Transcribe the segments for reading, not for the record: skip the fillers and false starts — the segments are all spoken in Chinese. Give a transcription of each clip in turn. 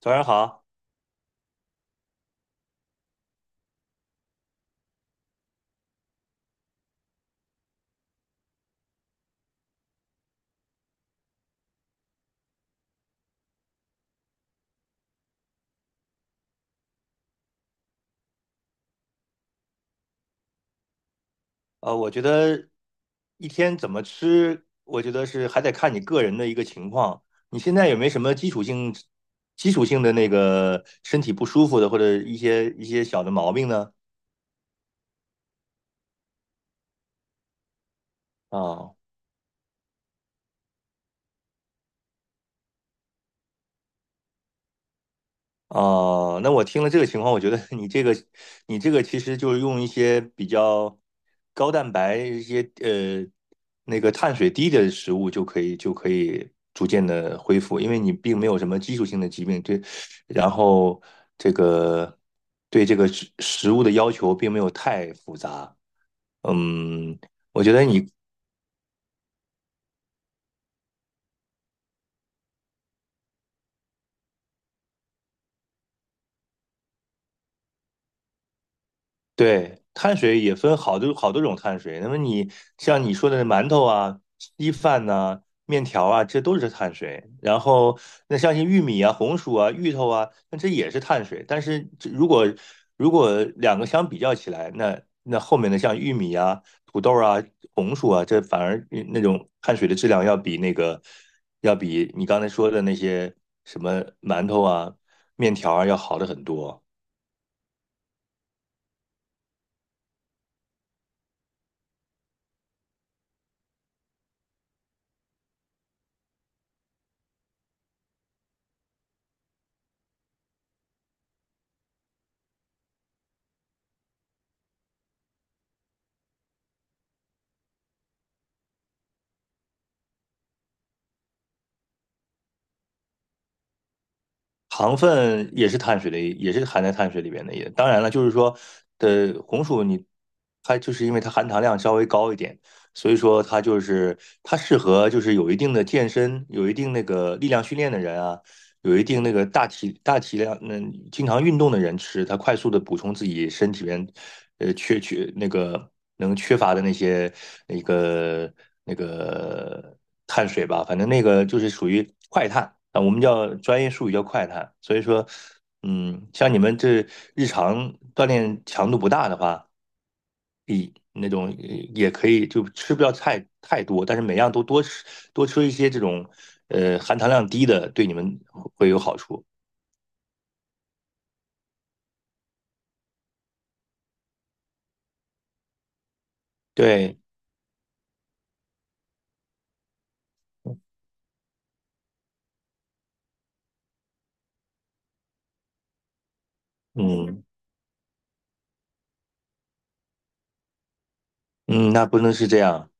早上好，我觉得一天怎么吃，我觉得是还得看你个人的一个情况。你现在有没有什么基础性的那个身体不舒服的，或者一些小的毛病呢？啊、哦，那我听了这个情况，我觉得 你这个其实就是用一些比较高蛋白、一些那个碳水低的食物就可以，逐渐的恢复，因为你并没有什么基础性的疾病，对，然后这个对这个食物的要求并没有太复杂，嗯，我觉得你对，碳水也分好多好多种碳水。那么像你说的馒头啊、稀饭呐、面条啊，这都是碳水。然后那像些玉米啊、红薯啊、芋头啊，那这也是碳水。但是这如果两个相比较起来，那后面的像玉米啊、土豆啊、红薯啊，这反而那种碳水的质量要比你刚才说的那些什么馒头啊、面条啊要好的很多。糖分也是碳水的一也是含在碳水里边的一。也当然了，就是说，的红薯你它就是因为它含糖量稍微高一点，所以说它适合就是有一定的健身、有一定那个力量训练的人啊，有一定那个大体量，那经常运动的人吃，他快速的补充自己身体里边，呃，缺缺那个缺乏的那些那个那个碳水吧，反正那个就是属于快碳啊，我们叫专业术语叫快碳。所以说，像你们这日常锻炼强度不大的话，那种也可以，就吃不要太多，但是每样都多吃一些这种含糖量低的，对你们会有好处。对，嗯嗯，那不能是这样，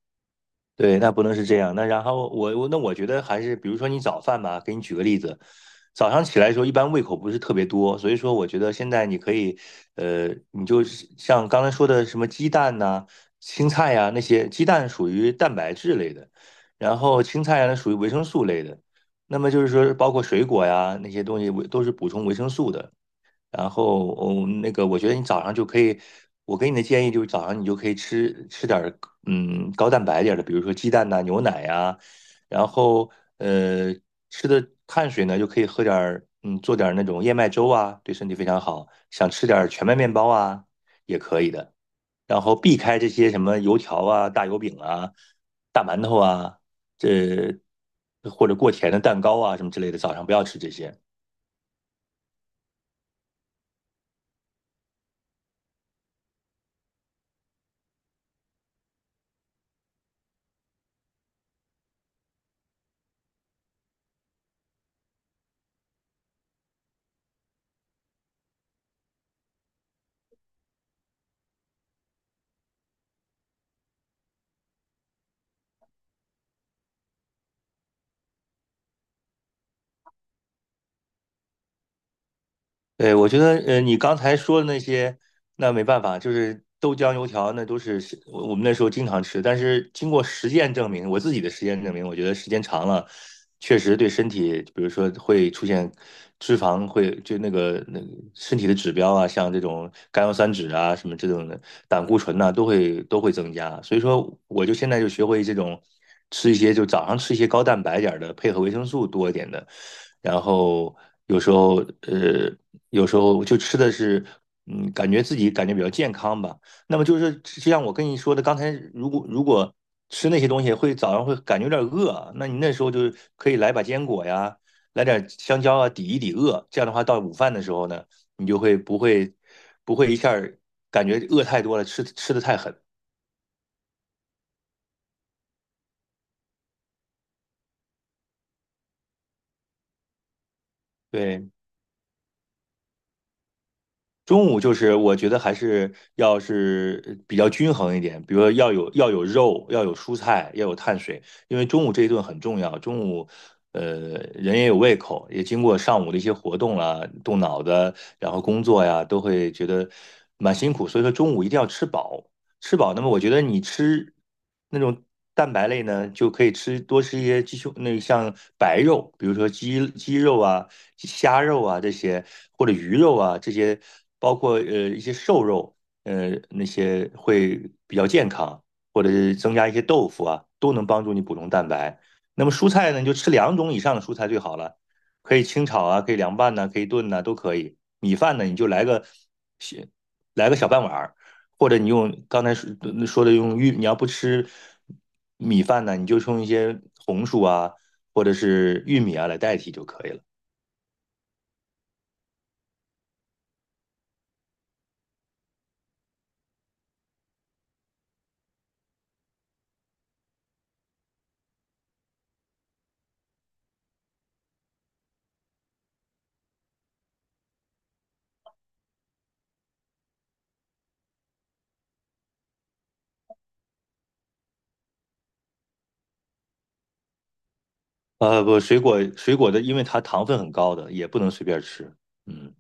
对，那不能是这样。那然后我觉得还是，比如说你早饭吧，给你举个例子，早上起来的时候一般胃口不是特别多，所以说我觉得现在你可以，你就是像刚才说的什么鸡蛋呐、青菜呀、那些，鸡蛋属于蛋白质类的，然后青菜呀、那属于维生素类的，那么就是说包括水果呀那些东西都是补充维生素的。然后，哦，那个，我觉得你早上就可以，我给你的建议就是早上你就可以吃点儿，高蛋白点儿的，比如说鸡蛋呐、牛奶呀、然后，呃，吃的碳水呢就可以喝点儿，做点儿那种燕麦粥啊，对身体非常好。想吃点儿全麦面包啊，也可以的。然后避开这些什么油条啊、大油饼啊、大馒头啊，这或者过甜的蛋糕啊什么之类的，早上不要吃这些。对，我觉得，你刚才说的那些，那没办法，就是豆浆油条，那都是我们那时候经常吃。但是经过实践证明，我自己的实践证明，我觉得时间长了，确实对身体，比如说会出现脂肪会就那个那个身体的指标啊，像这种甘油三酯啊，什么这种的胆固醇呐、都会增加。所以说，我就现在就学会这种吃一些，就早上吃一些高蛋白点儿的，配合维生素多一点的。然后有时候呃有时候就吃的是，感觉比较健康吧。那么就像我跟你说的，刚才如果吃那些东西早上会感觉有点饿啊，那你那时候就是可以来把坚果呀，来点香蕉啊，抵一抵饿。这样的话，到午饭的时候呢，你就不会一下儿感觉饿太多了，吃的太狠。对，中午就是我觉得还是要是比较均衡一点，比如说要有肉，要有蔬菜，要有碳水，因为中午这一顿很重要。中午，呃，人也有胃口，也经过上午的一些活动啦、动脑子，然后工作呀，都会觉得蛮辛苦。所以说中午一定要吃饱，吃饱。那么我觉得你吃那种蛋白类呢，就可以多吃一些鸡胸，那像白肉，比如说鸡肉啊。虾肉啊这些，或者鱼肉啊这些，包括一些瘦肉，那些会比较健康，或者是增加一些豆腐啊，都能帮助你补充蛋白。那么蔬菜呢，你就吃两种以上的蔬菜最好了，可以清炒啊，可以凉拌呐、可以炖呐、都可以。米饭呢，你就来个小半碗儿，或者你用刚才说的你要不吃米饭呢，你就用一些红薯啊，或者是玉米啊来代替就可以了。不，水果的，因为它糖分很高的，也不能随便吃。嗯，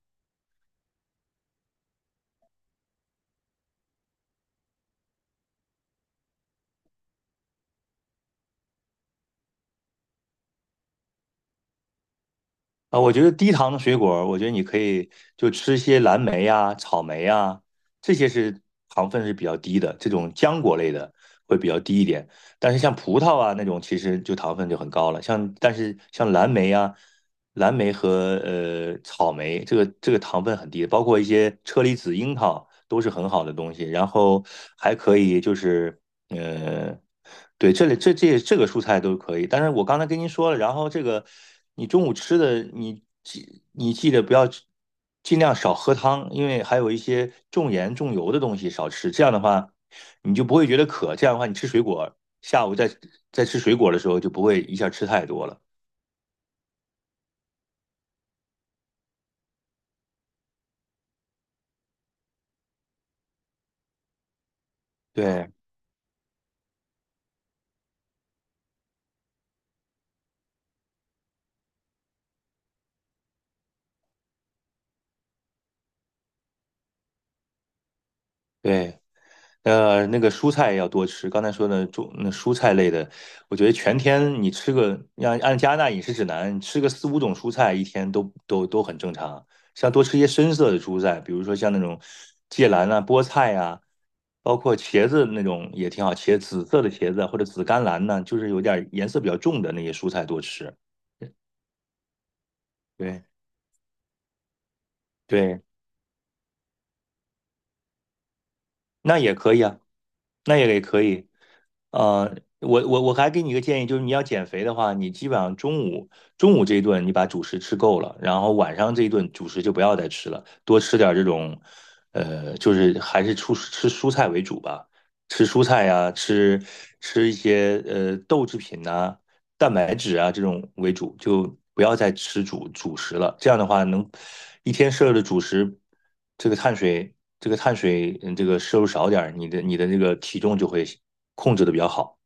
啊，我觉得低糖的水果我觉得你可以就吃一些蓝莓呀、草莓呀，这些是糖分是比较低的，这种浆果类的会比较低一点。但是像葡萄啊那种，其实就糖分就很高了。但是像蓝莓和草莓，这个糖分很低的包括一些车厘子、樱桃都是很好的东西。然后还可以就是。呃，对，这里这个蔬菜都可以，但是我刚才跟您说了，然后这个你中午吃的，你记得不要尽量少喝汤，因为还有一些重盐重油的东西少吃，这样的话你就不会觉得渴，这样的话你吃水果，下午再吃水果的时候就不会一下吃太多了。对对。那个蔬菜要多吃。刚才说的那蔬菜类的，我觉得全天你吃个，按加拿大饮食指南，你吃个四五种蔬菜一天都很正常。像多吃一些深色的蔬菜，比如说像那种芥蓝啊、菠菜啊，包括茄子那种也挺好，紫色的茄子啊或者紫甘蓝呢，就是有点颜色比较重的那些蔬菜多吃。对对，那也可以啊，那也可以。我还给你一个建议，就是你要减肥的话，你基本上中午这一顿你把主食吃够了，然后晚上这一顿主食就不要再吃了，多吃点儿这种，就是还是吃蔬菜为主吧，吃蔬菜呀、吃一些豆制品呐、蛋白质啊这种为主，就不要再吃主食了。这样的话，能一天摄入的主食，这个碳水，这个摄入少点儿，你的那个体重就会控制的比较好。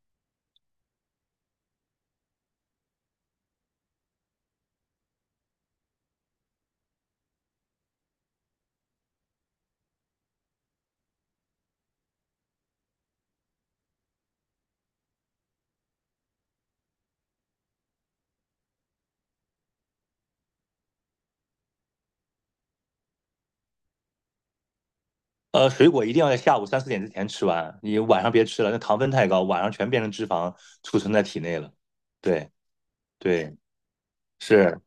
水果一定要在下午3、4点之前吃完，你晚上别吃了，那糖分太高，晚上全变成脂肪储存在体内了。对对，是，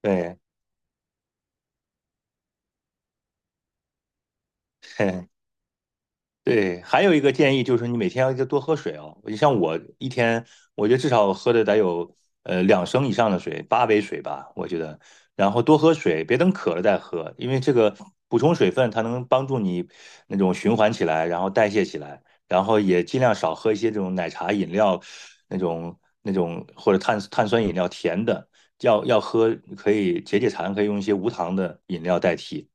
对，嘿。对，还有一个建议就是你每天要多喝水哦。你像我一天，我觉得至少喝的得有2升以上的水，8杯水吧，我觉得。然后多喝水，别等渴了再喝，因为这个补充水分，它能帮助你那种循环起来，然后代谢起来。然后也尽量少喝一些这种奶茶饮料，那种那种或者碳酸饮料甜的，要喝可以解馋，可以用一些无糖的饮料代替。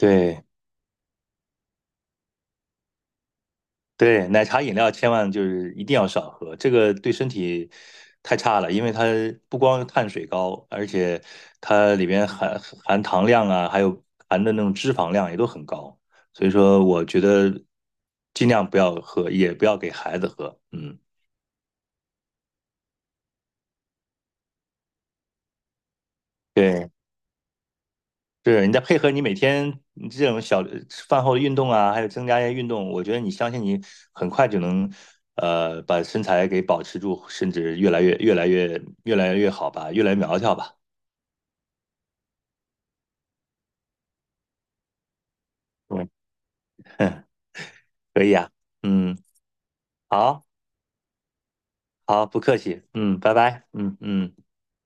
对。对，奶茶饮料千万就是一定要少喝，这个对身体太差了，因为它不光碳水高，而且它里边含糖量啊，还有含的那种脂肪量也都很高，所以说我觉得尽量不要喝，也不要给孩子喝。嗯，对，是你再配合你每天这种小饭后的运动啊，还有增加一些运动，我觉得你相信你很快就能，把身材给保持住，甚至越来越好吧，越来越苗条吧。嗯，可以啊。嗯，好，好，不客气。嗯，拜拜。嗯嗯。